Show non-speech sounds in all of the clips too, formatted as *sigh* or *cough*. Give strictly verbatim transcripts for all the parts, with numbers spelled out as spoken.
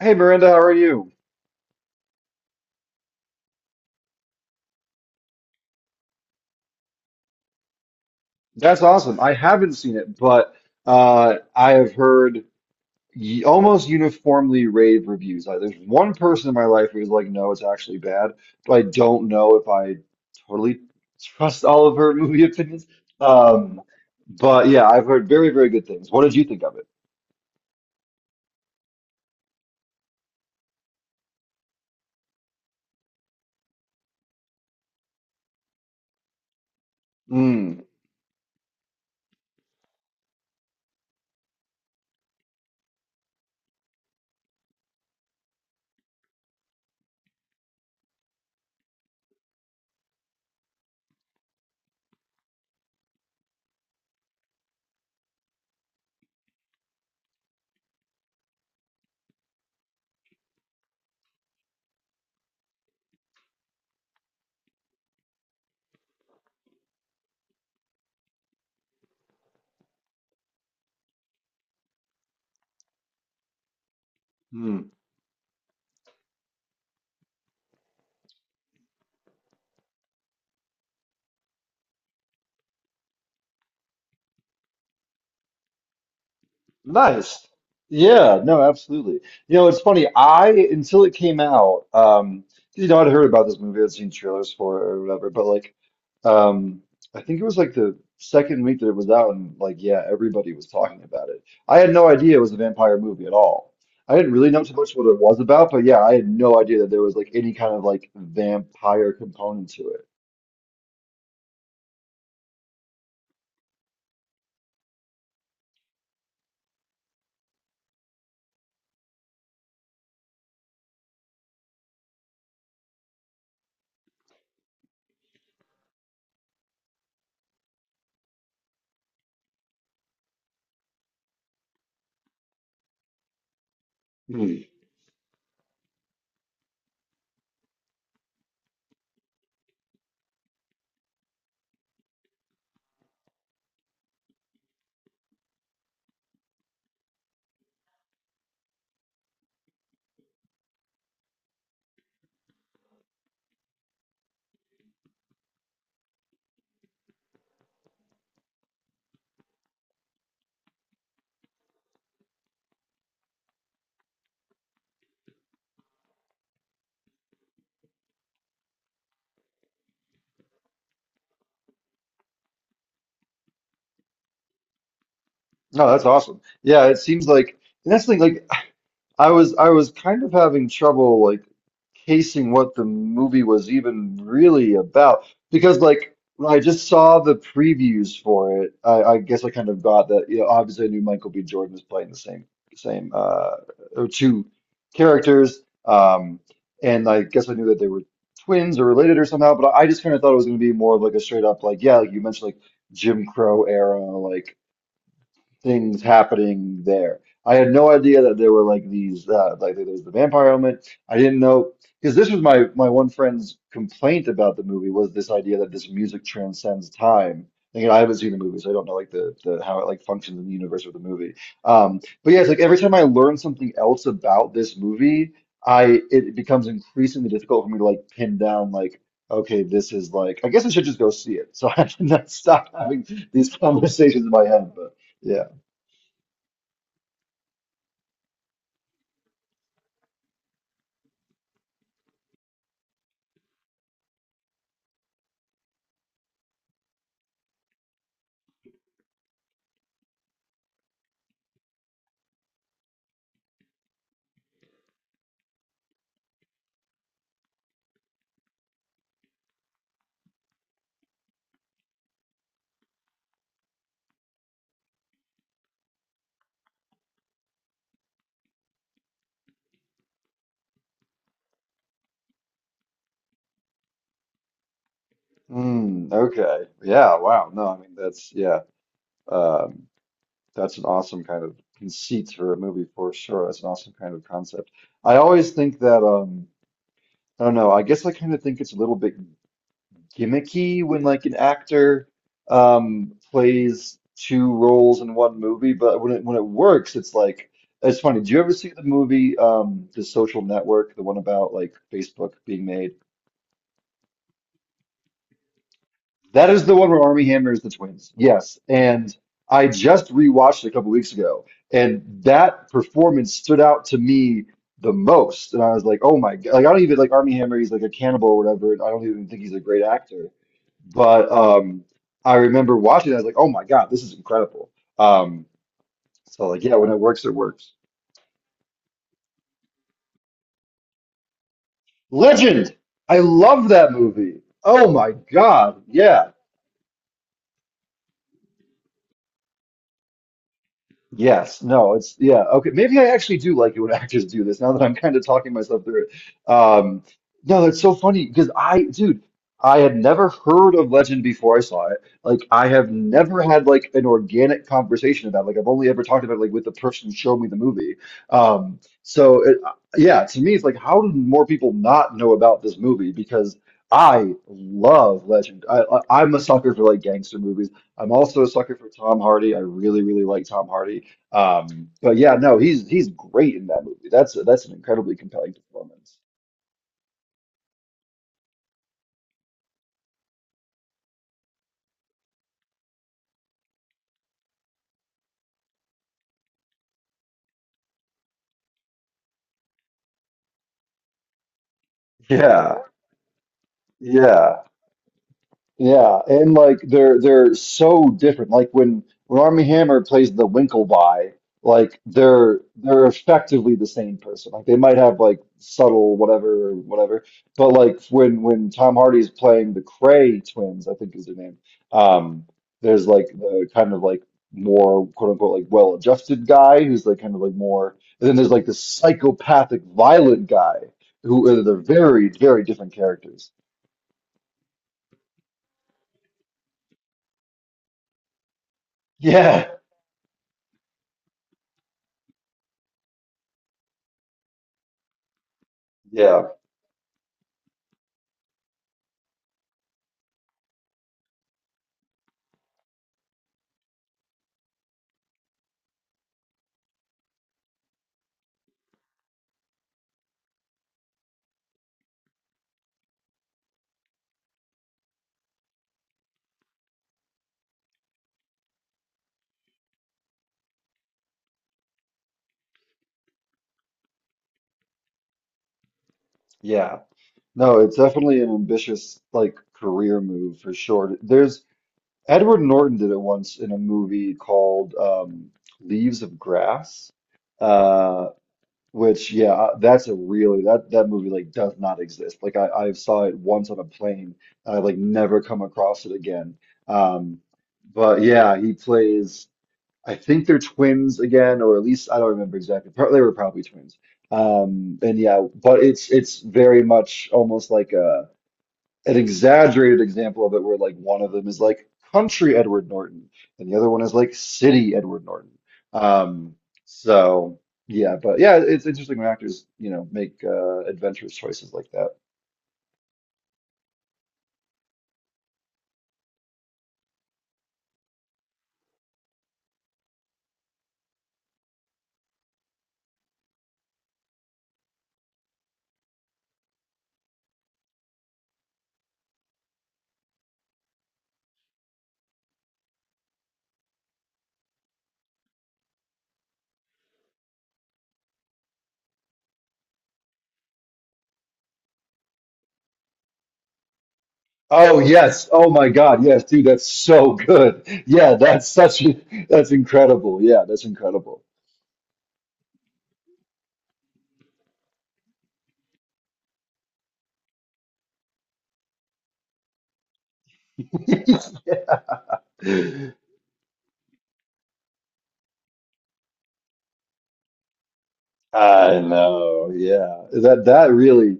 Hey Miranda, how are you? That's awesome. I haven't seen it, but uh, I have heard y almost uniformly rave reviews. Like, there's one person in my life who's like, no, it's actually bad, but I don't know if I totally trust all of her *laughs* movie opinions. Um, but yeah, I've heard very, very good things. What did you think of it? Mm. Nice. Yeah, no, absolutely. You know, it's funny. I, until it came out, um, you know, I'd heard about this movie, I'd seen trailers for it or whatever, but like, um, I think it was like the second week that it was out, and like, yeah, everybody was talking about it. I had no idea it was a vampire movie at all. I didn't really know too much what it was about, but yeah, I had no idea that there was like any kind of like vampire component to it. Hmm. No, that's awesome. Yeah, it seems like, and that's the thing, like, I was I was kind of having trouble like casing what the movie was even really about, because like when I just saw the previews for it. I, I guess I kind of got that. You know, obviously I knew Michael B. Jordan was playing the same same uh or two characters. Um, and I guess I knew that they were twins or related or somehow. But I just kind of thought it was going to be more of like a straight up like, yeah, like you mentioned, like Jim Crow era, like things happening there. I had no idea that there were like these uh, like there was the vampire element. I didn't know because this was my my one friend's complaint about the movie was this idea that this music transcends time. And, you know, I haven't seen the movie, so I don't know like the, the how it like functions in the universe of the movie. Um, but yeah, it's like every time I learn something else about this movie, I it becomes increasingly difficult for me to like pin down, like, okay, this is like, I guess I should just go see it. So *laughs* I did not stop having these conversations in my head, but. Yeah. Mm, okay. Yeah. Wow. No, I mean that's yeah. Um, that's an awesome kind of conceit for a movie, for sure. That's an awesome kind of concept. I always think that um, I don't know. I guess I kind of think it's a little bit gimmicky when like an actor um plays two roles in one movie, but when it when it works, it's like it's funny. Do you ever see the movie um, The Social Network, the one about like Facebook being made? That is the one where Army Hammer is the twins. Yes. And I just rewatched it a couple weeks ago, and that performance stood out to me the most. And I was like, oh my God. Like, I don't even like Army Hammer. He's like a cannibal or whatever. And I don't even think he's a great actor. But um, I remember watching it. I was like, oh my God, this is incredible. Um, so, like, yeah, when it works, it works. Legend! I love that movie. Oh my God. Yeah. Yes, no, it's yeah, okay. Maybe I actually do like it when *laughs* actors do this now that I'm kind of talking myself through it. Um, no, that's so funny because I, dude, I had never heard of Legend before I saw it. Like, I have never had like an organic conversation about it. Like, I've only ever talked about it like with the person who showed me the movie. Um, so it, yeah, to me, it's like, how did more people not know about this movie? Because I love Legend. I, I, I'm a sucker for like gangster movies. I'm also a sucker for Tom Hardy. I really, really like Tom Hardy. Um, but yeah, no, he's he's great in that movie. That's that's an incredibly compelling performance. Yeah, yeah. Yeah, and like they're they're so different. Like when when Armie Hammer plays the Winkleby, like they're they're effectively the same person. Like they might have like subtle whatever whatever, but like when when Tom Hardy's playing the Cray twins, I think is their name. Um, there's like the kind of like more quote unquote like well-adjusted guy who's like kind of like more, and then there's like the psychopathic violent guy who are they're very very different characters. Yeah, yeah, yeah. No, it's definitely an ambitious like career move for sure. There's Edward Norton did it once in a movie called um, Leaves of Grass, uh, which yeah, uh, that's a really that that movie like does not exist. Like I, I saw it once on a plane, and I like never come across it again. Um, but yeah, he plays. I think they're twins again, or at least I don't remember exactly. Pro- They were probably twins. Um, and yeah, but it's it's very much almost like a an exaggerated example of it where like one of them is like country Edward Norton and the other one is like city Edward Norton. Um, so yeah, but yeah, it's interesting when actors, you know, make uh, adventurous choices like that. Oh yes. Oh my God. Yes, dude, that's so good. Yeah, that's such a, that's incredible. Yeah, that's incredible. *laughs* Yeah. I know, yeah. That that really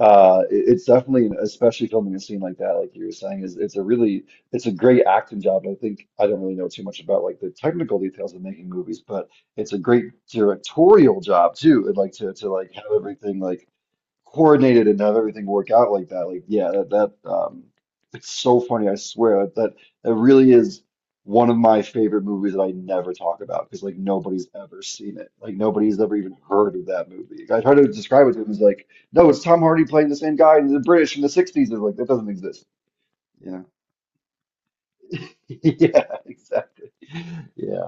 uh it- it's definitely especially filming a scene like that, like you were saying, is it's a really it's a great acting job. And I think I don't really know too much about like the technical details of making movies, but it's a great directorial job too. And like to to like have everything like coordinated and have everything work out like that. Like, yeah, that, that um, it's so funny. I swear that that really is one of my favorite movies that I never talk about because like nobody's ever seen it. Like nobody's ever even heard of that movie. Like, I try to describe it to them as like, no, it's Tom Hardy playing the same guy in the British in the sixties. They're like, that doesn't exist, you know? *laughs* Yeah, exactly. Yeah.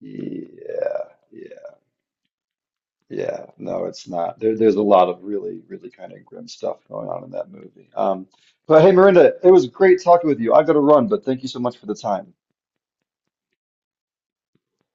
Yeah. Yeah. Yeah, no, it's not. There, there's a lot of really, really kind of grim stuff going on in that movie. Um, but hey, Miranda, it was great talking with you. I gotta run, but thank you so much for the time.